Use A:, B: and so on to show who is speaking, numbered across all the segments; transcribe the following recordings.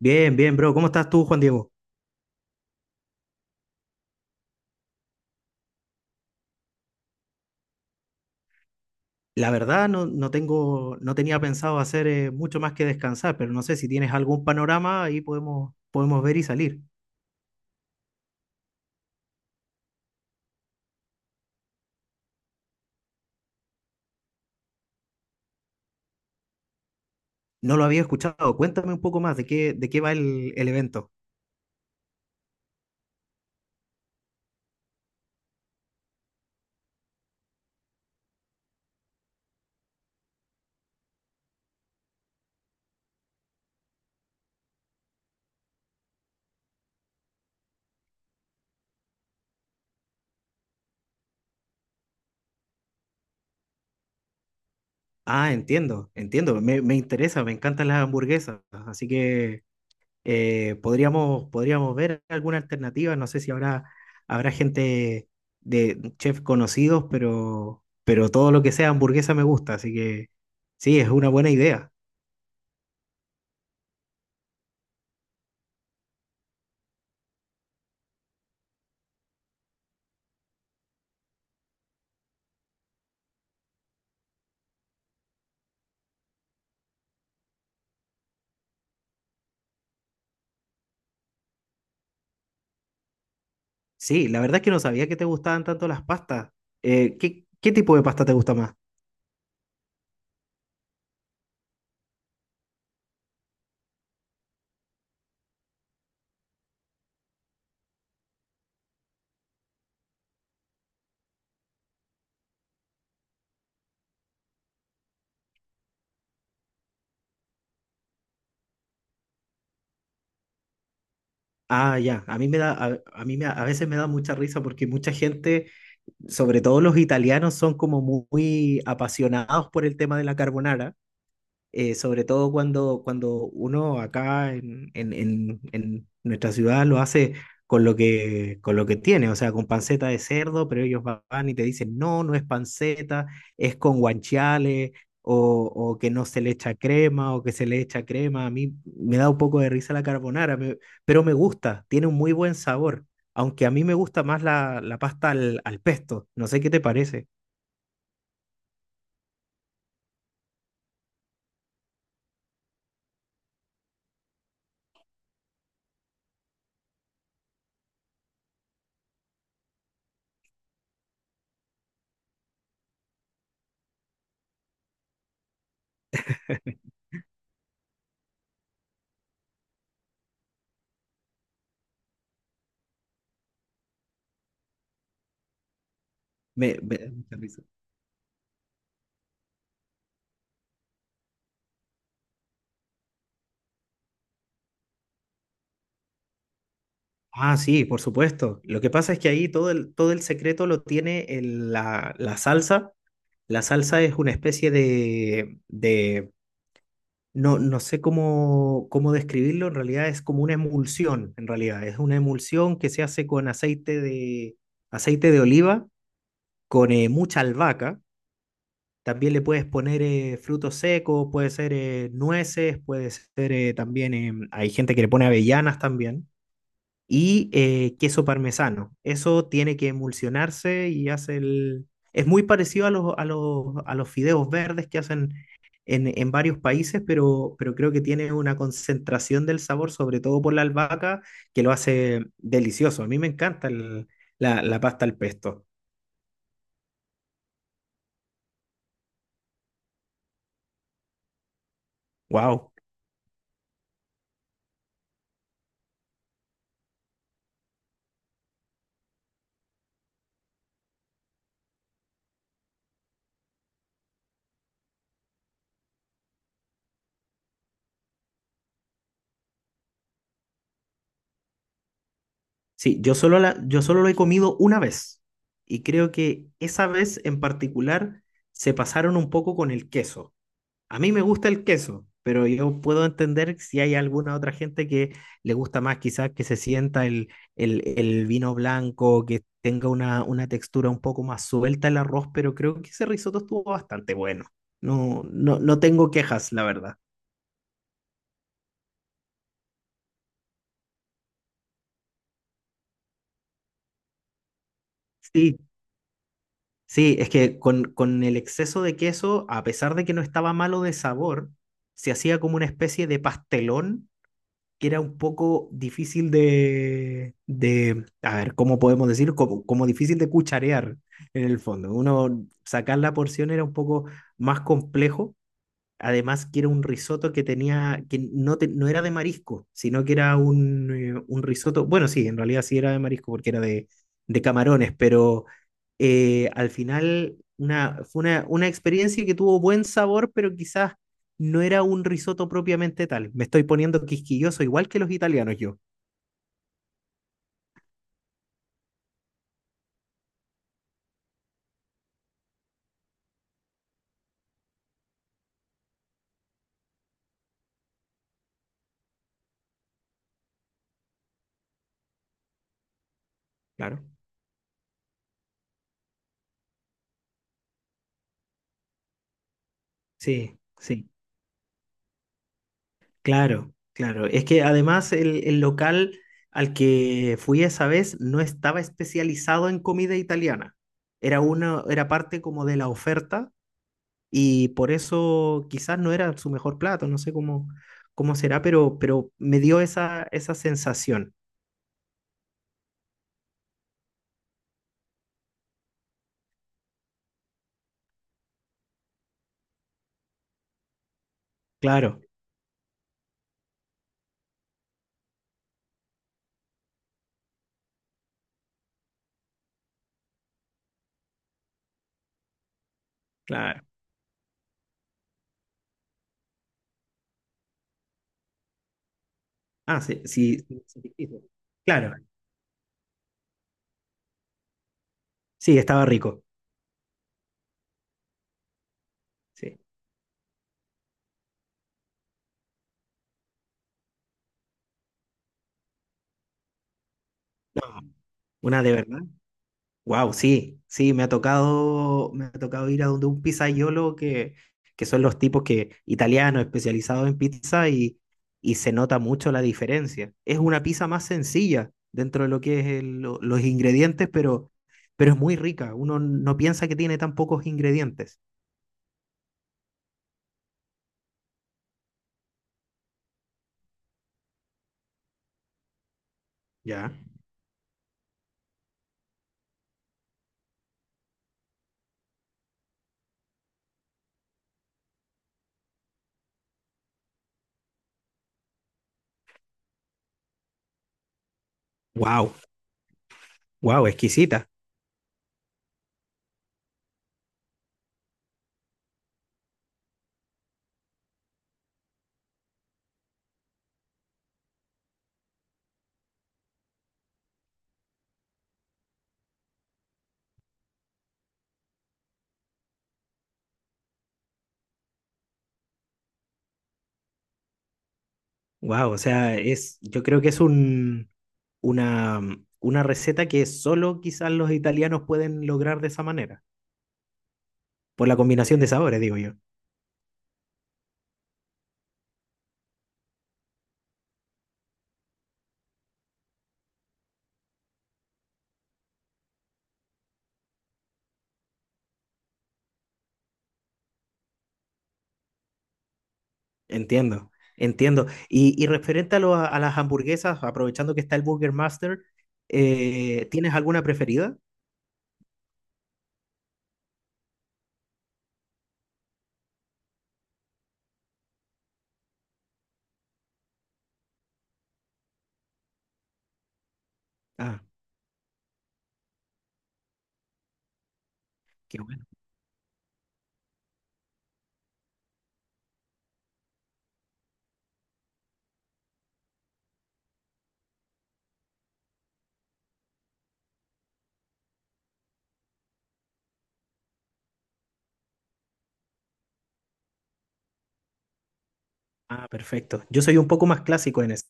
A: Bien, bien, bro. ¿Cómo estás tú, Juan Diego? La verdad, no, no tenía pensado hacer mucho más que descansar, pero no sé si tienes algún panorama, ahí podemos ver y salir. No lo había escuchado. Cuéntame un poco más de qué va el evento. Ah, entiendo, entiendo. Me interesa, me encantan las hamburguesas. Así que podríamos ver alguna alternativa. No sé si habrá gente de chefs conocidos, pero todo lo que sea hamburguesa me gusta. Así que sí, es una buena idea. Sí, la verdad es que no sabía que te gustaban tanto las pastas. Qué tipo de pasta te gusta más? Ah, ya, a mí me, a veces me da mucha risa porque mucha gente, sobre todo los italianos, son como muy, muy apasionados por el tema de la carbonara. Sobre todo cuando uno acá en nuestra ciudad lo hace con lo con lo que tiene, o sea, con panceta de cerdo, pero ellos van y te dicen, no, no es panceta, es con guanciale, o que no se le echa crema, o que se le echa crema. A mí me da un poco de risa la carbonara, pero me gusta, tiene un muy buen sabor, aunque a mí me gusta más la pasta al pesto, no sé qué te parece. Me da mucha risa. Ah, sí, por supuesto. Lo que pasa es que ahí todo el secreto lo tiene la salsa. La salsa es una especie de no, no sé cómo describirlo, en realidad es como una emulsión, en realidad. Es una emulsión que se hace con aceite de oliva, con mucha albahaca. También le puedes poner frutos secos, puede ser nueces, puede ser también, hay gente que le pone avellanas también. Y queso parmesano. Eso tiene que emulsionarse y hace el... Es muy parecido a a los fideos verdes que hacen en varios países, pero creo que tiene una concentración del sabor, sobre todo por la albahaca, que lo hace delicioso. A mí me encanta la pasta al pesto. Wow. Sí, yo solo lo he comido una vez y creo que esa vez en particular se pasaron un poco con el queso. A mí me gusta el queso, pero yo puedo entender si hay alguna otra gente que le gusta más, quizás que se sienta el vino blanco, que tenga una textura un poco más suelta el arroz, pero creo que ese risotto estuvo bastante bueno. No, no, no tengo quejas, la verdad. Sí, sí, es que con el exceso de queso, a pesar de que no estaba malo de sabor, se hacía como una especie de pastelón que era un poco difícil de a ver, ¿cómo podemos decirlo? Como, como difícil de cucharear en el fondo. Uno sacar la porción era un poco más complejo. Además, que era un risotto que tenía, que no, no era de marisco, sino que era un risotto. Bueno, sí, en realidad sí era de marisco porque era de camarones, pero al final una experiencia que tuvo buen sabor, pero quizás no era un risotto propiamente tal. Me estoy poniendo quisquilloso, igual que los italianos yo. Claro. Sí, sí. Claro, claro. Es que además el local al que fui esa vez no estaba especializado en comida italiana. Era parte como de la oferta y por eso quizás no era su mejor plato, no sé cómo será, pero me dio esa, esa sensación. Claro, claro. Ah, sí, sí, sí, sí, sí. Claro, sí, estaba rico. Sí. Una de verdad. Wow, sí, sí, me ha tocado ir a donde un pizzaiolo que son los tipos que, italianos, especializados en pizza, y se nota mucho la diferencia. Es una pizza más sencilla dentro de lo que es los ingredientes, pero es muy rica. Uno no piensa que tiene tan pocos ingredientes. Ya. Wow, wow, exquisita. Wow, o sea, es, yo creo que es una, una receta que solo quizás los italianos pueden lograr de esa manera. Por la combinación de sabores, digo yo. Entiendo, entiendo. Y referente a, a las hamburguesas, aprovechando que está el Burger Master, ¿tienes alguna preferida? Ah, qué bueno. Ah, perfecto. Yo soy un poco más clásico en eso.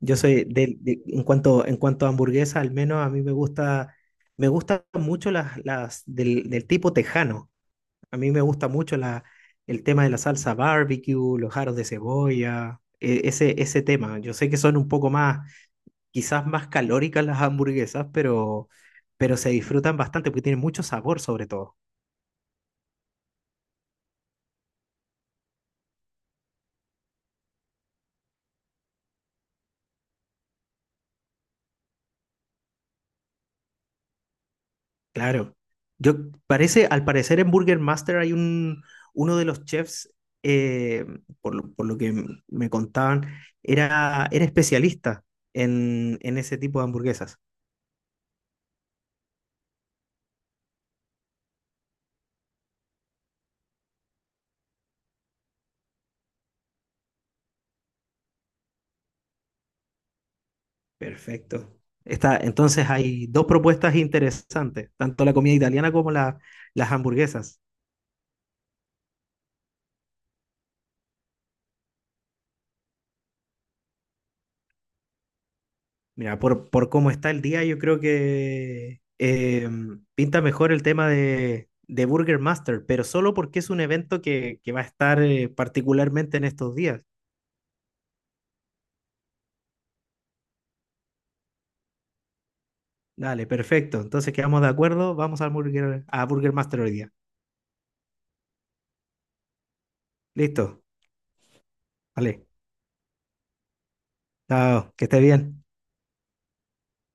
A: Yo soy en en cuanto a hamburguesa, al menos a mí me gusta, me gustan mucho las del tipo tejano. A mí me gusta mucho el tema de la salsa barbecue, los jaros de cebolla, ese tema. Yo sé que son un poco más, quizás más calóricas las hamburguesas, pero se disfrutan bastante porque tienen mucho sabor sobre todo. Claro. Yo parece, al parecer en Burger Master hay un, uno de los chefs, eh, por lo que me contaban, era, era especialista en ese tipo de hamburguesas. Perfecto. Está, entonces hay dos propuestas interesantes, tanto la comida italiana como las hamburguesas. Mira, por cómo está el día, yo creo que pinta mejor el tema de Burger Master, pero solo porque es un evento que va a estar particularmente en estos días. Dale, perfecto. Entonces quedamos de acuerdo. Vamos al Burger, a Burger Master hoy día. Listo. Vale. Chao. Que esté bien.